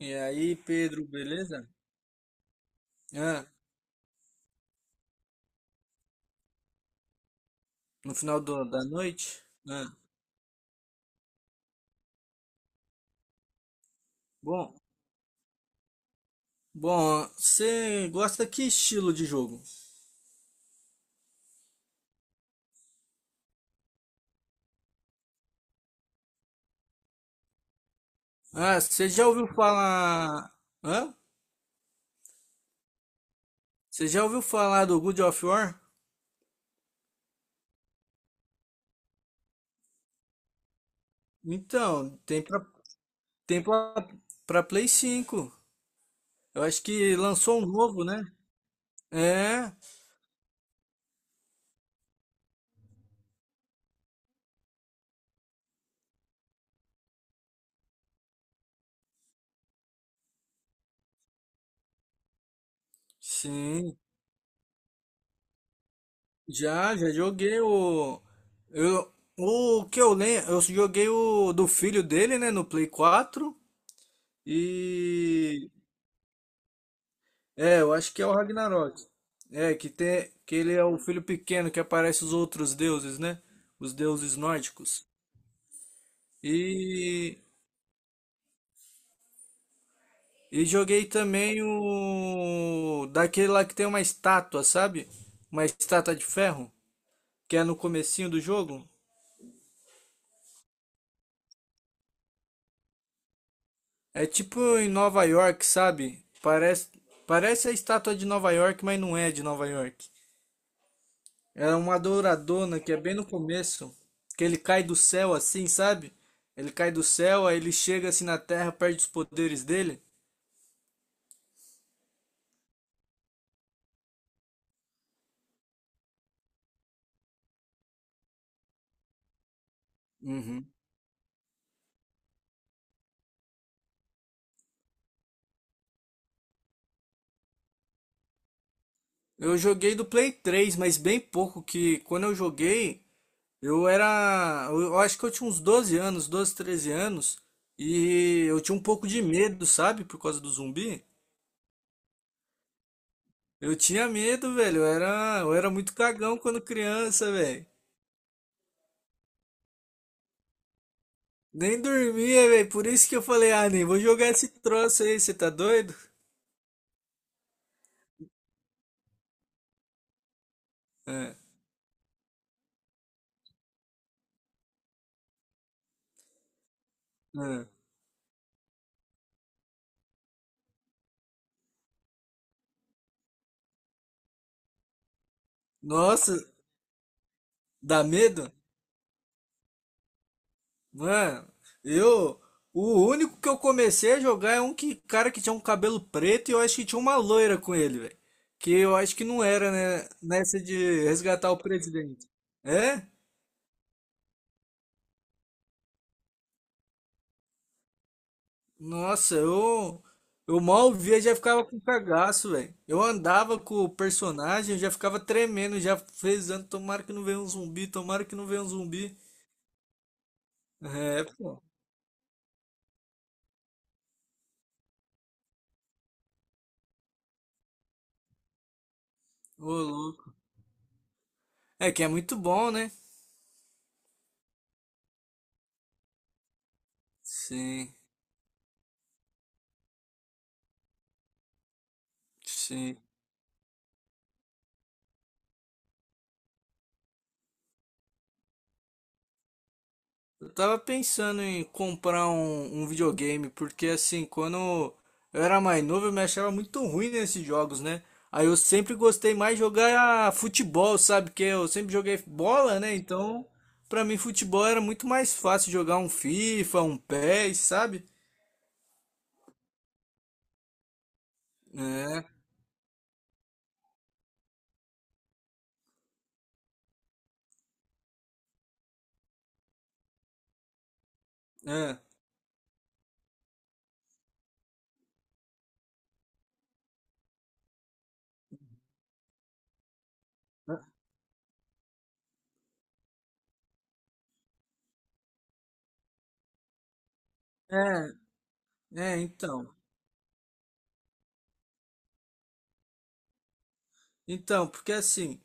E aí, Pedro, beleza? Ah, no final da noite? Bom, bom, você gosta que estilo de jogo? Ah, você já ouviu falar? Hã? Você já ouviu falar do God of War? Então, tem pra Play cinco. Eu acho que lançou um novo, né? É, sim. Já joguei o. Eu, o que eu lembro, eu joguei o do filho dele, né, no Play quatro. E eu acho que é o Ragnarok. É, que tem que ele é o filho pequeno que aparece os outros deuses, né? Os deuses nórdicos. E e joguei também o daquele lá que tem uma estátua, sabe? Uma estátua de ferro, que é no comecinho do jogo. É tipo em Nova York, sabe? Parece a estátua de Nova York, mas não é de Nova York. É uma douradona que é bem no começo, que ele cai do céu assim, sabe? Ele cai do céu, aí ele chega assim na Terra, perde os poderes dele. Uhum. Eu joguei do Play 3, mas bem pouco, que quando eu joguei, eu acho que eu tinha uns 12 anos, 12 13 anos, e eu tinha um pouco de medo, sabe? Por causa do zumbi. Eu tinha medo, velho. Eu era muito cagão quando criança, velho. Nem dormia, velho. Por isso que eu falei, ah, nem vou jogar esse troço aí, você tá doido? É, é. Nossa, dá medo? Mano, eu. O único que eu comecei a jogar é um que, cara que tinha um cabelo preto e eu acho que tinha uma loira com ele, velho. Que eu acho que não era, né? Nessa de resgatar o presidente. É? Nossa, eu, eu mal via, já ficava com cagaço, velho. Eu andava com o personagem, já ficava tremendo, já rezando, tomara que não venha um zumbi, tomara que não venha um zumbi. É, pô, ô louco. É que é muito bom, né? Sim, sim. Eu tava pensando em comprar um videogame, porque assim, quando eu era mais novo, eu me achava muito ruim nesses jogos, né? Aí eu sempre gostei mais de jogar futebol, sabe? Que eu sempre joguei bola, né? Então, pra mim, futebol era muito mais fácil jogar um FIFA, um PES, sabe? É, é, é, é, então. Então, porque assim,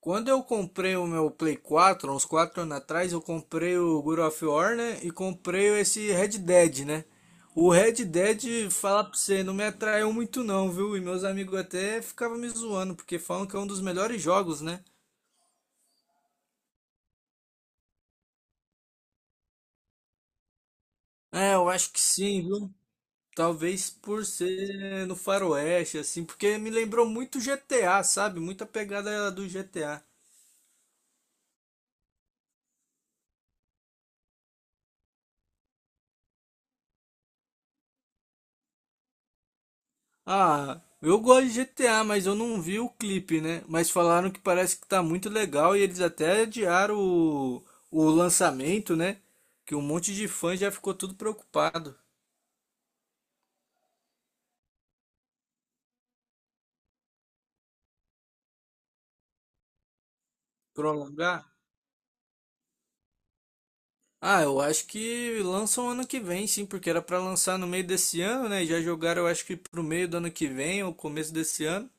quando eu comprei o meu Play 4, uns 4 anos atrás, eu comprei o God of War, né? E comprei esse Red Dead, né? O Red Dead, falar pra você, não me atraiu muito não, viu? E meus amigos até ficavam me zoando, porque falam que é um dos melhores jogos, né? É, eu acho que sim, viu? Talvez por ser no faroeste, assim, porque me lembrou muito GTA, sabe? Muita pegada do GTA. Ah, eu gosto de GTA, mas eu não vi o clipe, né? Mas falaram que parece que tá muito legal e eles até adiaram o lançamento, né? Que um monte de fã já ficou tudo preocupado. Prolongar? Ah, eu acho que lançam ano que vem, sim, porque era pra lançar no meio desse ano, né? E já jogaram, eu acho que pro meio do ano que vem ou começo desse ano.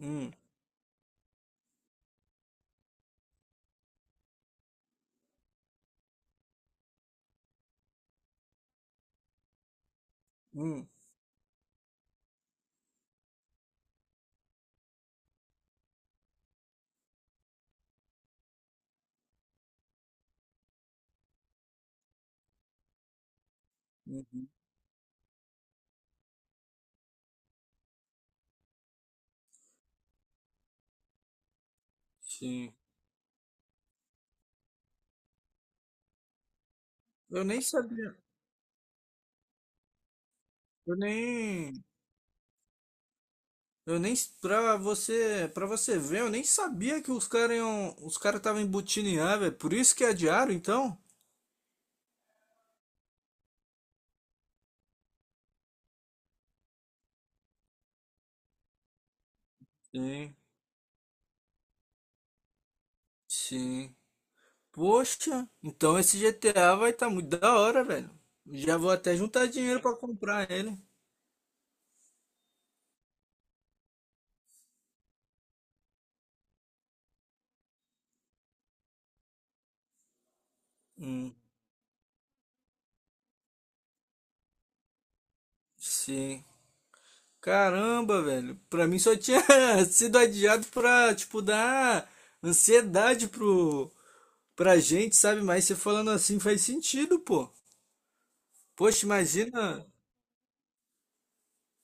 Hum, hum, uhum, sim. Eu nem sabia. Eu nem. Eu nem pra você, para você ver, eu nem sabia que os caras iam, os caras estavam embutindo em ar, velho. Por isso que adiaram, então? Sim, sim. Poxa, então esse GTA vai estar muito da hora, velho. Já vou até juntar dinheiro pra comprar ele. Hum, sim. Caramba, velho. Pra mim só tinha sido adiado pra, tipo, dar ansiedade pra gente, sabe? Mas você falando assim faz sentido, pô. Poxa, imagina.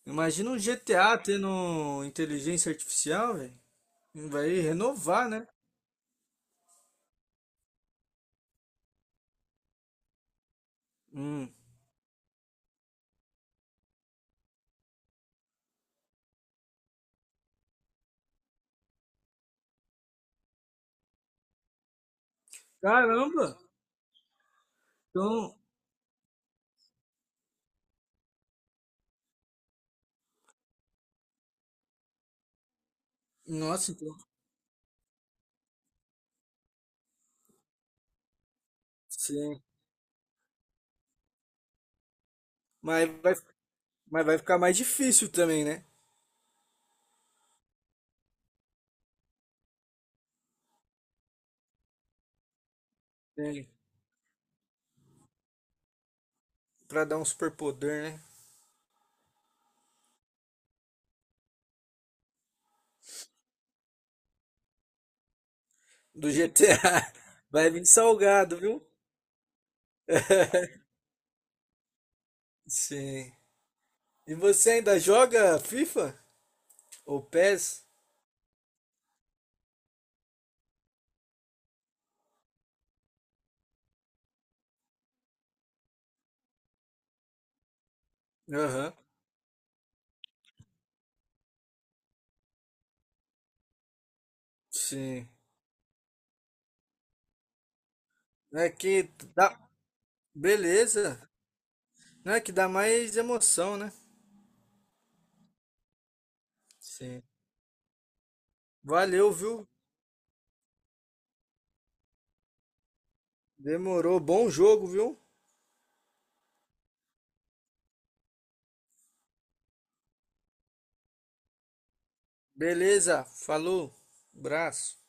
Imagina um GTA tendo inteligência artificial, velho. Vai renovar, né? Hum. Caramba! Então, nossa, então, sim. Mas vai, mas vai ficar mais difícil também, né? Sim. Pra dar um superpoder, né? Do GTA. Vai vir salgado, viu? Sim. E você ainda joga FIFA? Ou PES? Aham. Sim. É que dá. Beleza. Não é que dá mais emoção, né? Sim. Valeu, viu? Demorou. Bom jogo, viu? Beleza. Falou. Abraço.